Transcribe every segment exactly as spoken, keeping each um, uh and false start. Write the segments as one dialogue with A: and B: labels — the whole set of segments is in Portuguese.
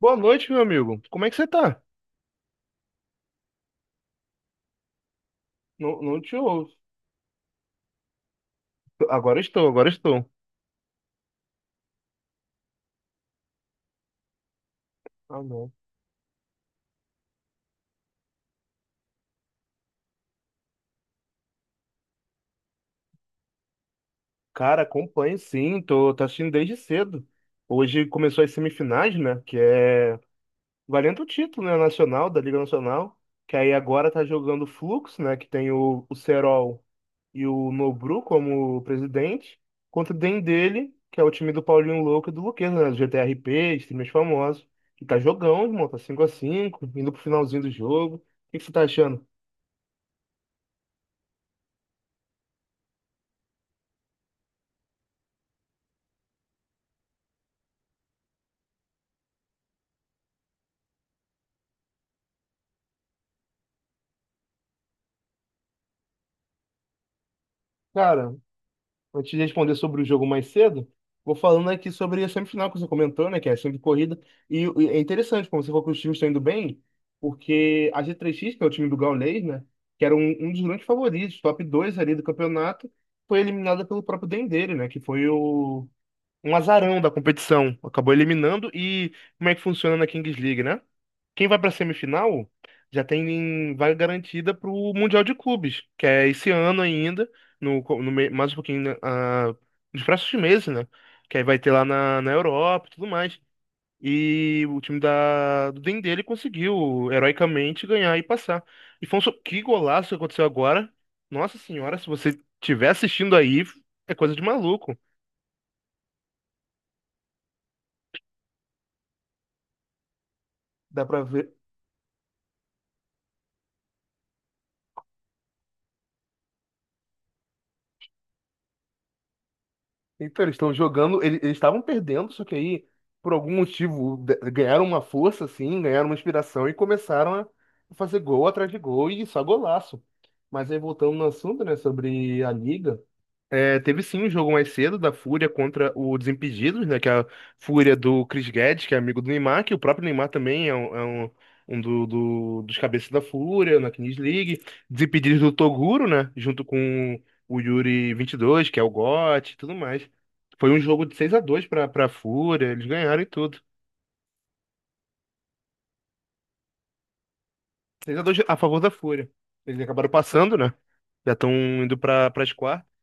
A: Boa noite, meu amigo. Como é que você tá? Não, não te ouço. Agora estou, agora estou. Ah, não. Cara, acompanho sim, tô, tô assistindo desde cedo. Hoje começou as semifinais, né? Que é valendo o título, né? Nacional, da Liga Nacional. Que aí agora tá jogando o Flux, né? Que tem o, o Serol e o Nobru como presidente. Contra o Den dele, que é o time do Paulinho Louco e do Luqueza, né? Do G T R P, os times famosos. E tá jogão, irmão. Tá cinco a cinco, indo pro finalzinho do jogo. O que que você tá achando? Cara, antes de responder sobre o jogo mais cedo, vou falando aqui sobre a semifinal que você comentou, né? Que é sempre corrida. E, e é interessante, como você falou que os times estão indo bem, porque a G três X, que é o time do Gaules, né? Que era um, um dos grandes favoritos, top dois ali do campeonato, foi eliminada pelo próprio Dendele, né? Que foi o, um azarão da competição. Acabou eliminando e como é que funciona na Kings League, né? Quem vai pra semifinal já tem vaga garantida pro Mundial de Clubes, que é esse ano ainda, no, co- no me- mais um pouquinho, né, ah, nos próximos meses, né? Que aí vai ter lá na, na Europa e tudo mais. E o time da, do Den ele conseguiu heroicamente ganhar e passar. E foi um, so- que golaço que aconteceu agora. Nossa senhora, se você estiver assistindo aí, é coisa de maluco. Dá pra ver. Então, eles estão jogando, ele- eles estavam perdendo, só que aí, por algum motivo, de- ganharam uma força, assim, ganharam uma inspiração e começaram a fazer gol atrás de gol e só golaço. Mas aí, voltando no assunto, né, sobre a liga, é, teve sim um jogo mais cedo da Fúria contra o Desimpedidos, né? Que é a Fúria do Chris Guedes, que é amigo do Neymar, que o próprio Neymar também é um, é um- um do- do- dos cabeças da Fúria na Kings League. Desimpedidos do Toguro, né? Junto com o Yuri vinte e dois, que é o got e tudo mais. Foi um jogo de seis a dois para para Fúria, eles ganharam e tudo. Seis a dois a favor da Fúria. Eles acabaram passando, né? Já estão indo para as quartas.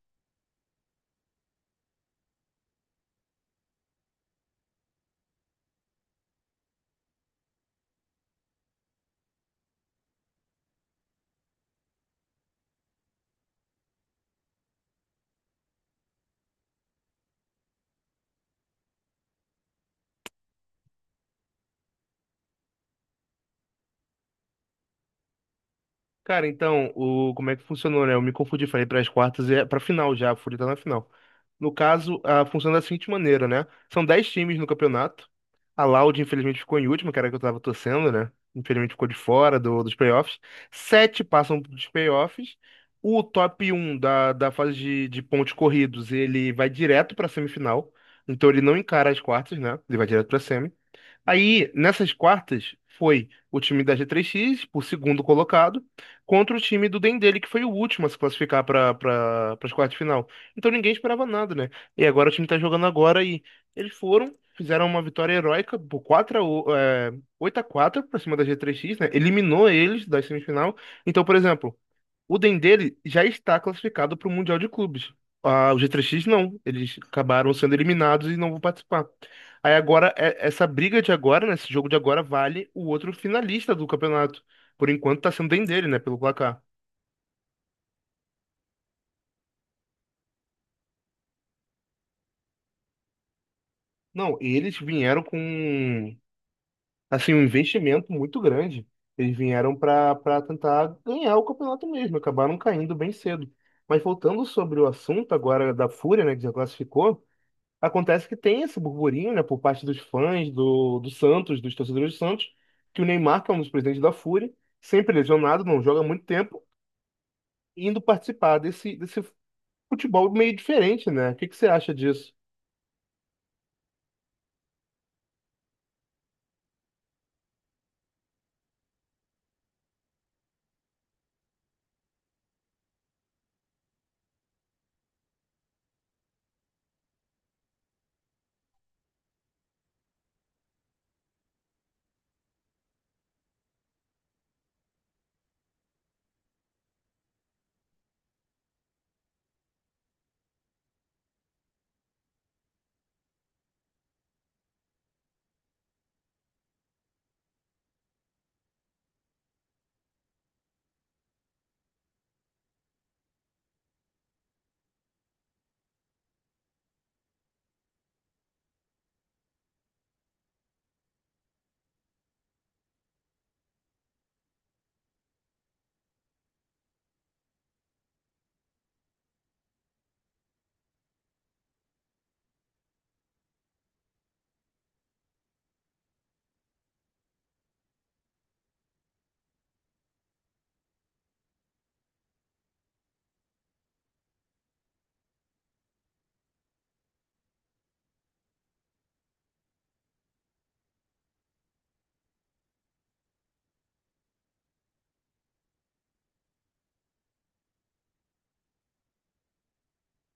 A: Cara, então, o, como é que funcionou, né? Eu me confundi, falei para as quartas e é para final já, a Fúria tá na final. No caso, a, funciona da seguinte maneira, né? São dez times no campeonato. A Loud, infelizmente, ficou em último, que era a que eu tava torcendo, né? Infelizmente, ficou de fora do, dos playoffs. Sete passam dos playoffs. O top um da, da fase de, de pontos corridos, ele vai direto para semifinal. Então, ele não encara as quartas, né? Ele vai direto para semi. Aí, nessas quartas, foi o time da G três X, o segundo colocado, contra o time do Dendele, que foi o último a se classificar para para as quartas de final. Então ninguém esperava nada, né? E agora o time tá jogando agora e eles foram, fizeram uma vitória heróica por quatro a, o- é, oito a quatro para cima da G três X, né? Eliminou eles da semifinal. Então, por exemplo, o Dendele já está classificado para o Mundial de Clubes. Ah, o G três X não. Eles acabaram sendo eliminados e não vão participar. Aí agora, é- essa briga de agora, né, esse jogo de agora, vale o outro finalista do campeonato. Por enquanto está sendo o Dendele, né, pelo placar. Não, eles vieram com, assim, um investimento muito grande. Eles vieram para para tentar ganhar o campeonato mesmo. Acabaram caindo bem cedo. Mas voltando sobre o assunto agora da Fúria, né, que já classificou. Acontece que tem esse burburinho, né, por parte dos fãs do, do Santos, dos torcedores do Santos, que o Neymar, que é um dos presidentes da Fúria sempre lesionado, não joga há muito tempo, indo participar desse, desse futebol meio diferente, né? O que que você acha disso?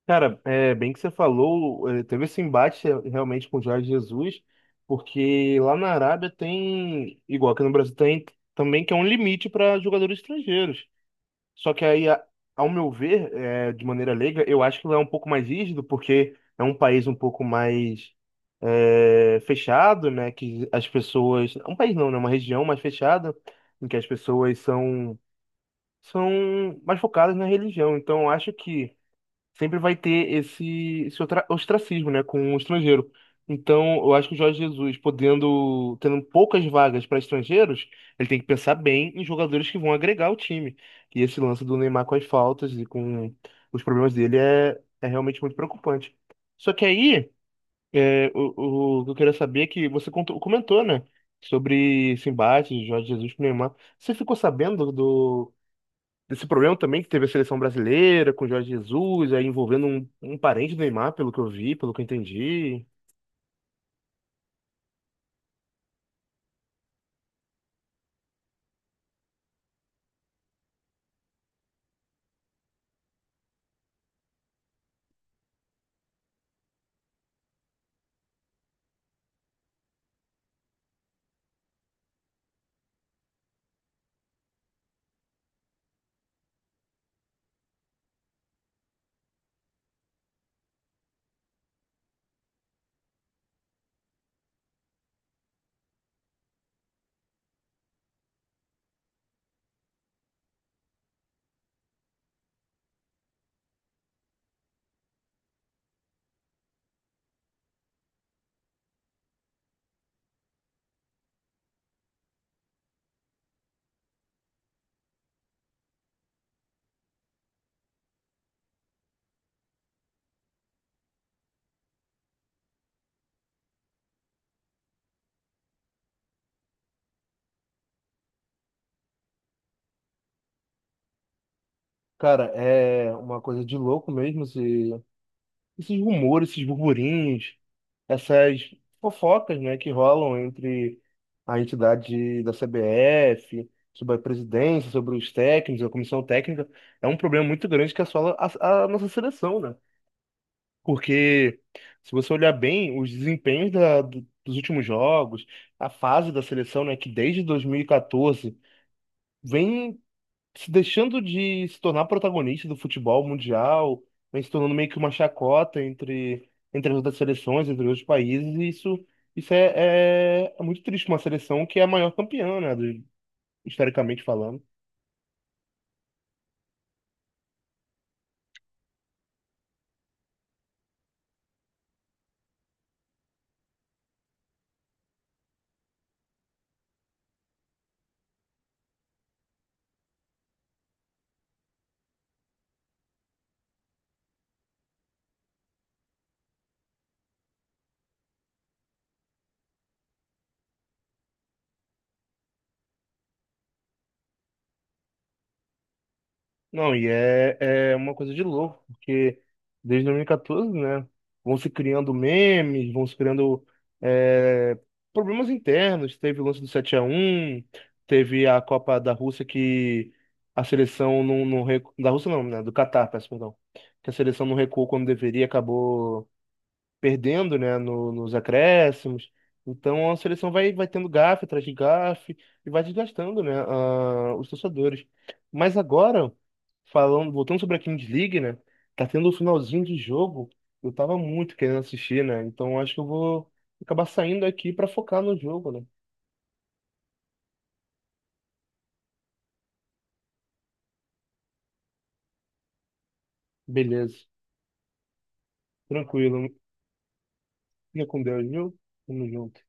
A: Cara, é bem que você falou, eh, teve esse embate eh, realmente com o Jorge Jesus, porque lá na Arábia tem, igual aqui no Brasil tem, também que é um limite para jogadores estrangeiros. Só que aí, a- ao meu ver, é, de maneira leiga, eu acho que lá é um pouco mais rígido, porque é um país um pouco mais é, fechado, né? Que as pessoas. Um país não, né? Uma região mais fechada, em que as pessoas são, são mais focadas na religião. Então, eu acho que sempre vai ter esse, esse otra- ostracismo, né, com o estrangeiro. Então, eu acho que o Jorge Jesus, podendo, tendo poucas vagas para estrangeiros, ele tem que pensar bem em jogadores que vão agregar o time. E esse lance do Neymar com as faltas e com os problemas dele é, é realmente muito preocupante. Só que aí, é, o, o que eu queria saber é que você contou- comentou, né, sobre esse embate de Jorge Jesus com o Neymar. Você ficou sabendo do, desse problema também que teve a seleção brasileira com o Jorge Jesus, aí envolvendo um, um parente do Neymar, pelo que eu vi, pelo que eu entendi. Cara, é uma coisa de louco mesmo esse- esses rumores, esses burburinhos, essas fofocas, né, que rolam entre a entidade da C B F, sobre a presidência, sobre os técnicos, a comissão técnica. É um problema muito grande que assola a, a nossa seleção, né? Porque se você olhar bem os desempenhos da- do- dos últimos jogos, a fase da seleção, né, que desde dois mil e quatorze vem se deixando de se tornar protagonista do futebol mundial, vem se tornando meio que uma chacota entre, entre as outras seleções, entre os países, e isso, isso é, é, é muito triste, uma seleção que é a maior campeã, né, do- historicamente falando. Não, e é, é uma coisa de louco, porque desde dois mil e quatorze, né, vão se criando memes, vão se criando é, problemas internos. Teve o lance do sete a um, teve a Copa da Rússia que a seleção não, não recu... da Rússia não, né, do Catar, peço perdão, que a seleção não recuou quando deveria, acabou perdendo, né, no- nos acréscimos. Então a seleção vai, vai tendo gafe atrás de gafe e vai desgastando, né, ah, os torcedores. Mas agora, falando, voltando sobre a Kings League, né, tá tendo o finalzinho de jogo. Eu tava muito querendo assistir, né? Então acho que eu vou acabar saindo aqui para focar no jogo, né? Beleza. Tranquilo. Fica com Deus, viu? Tamo junto.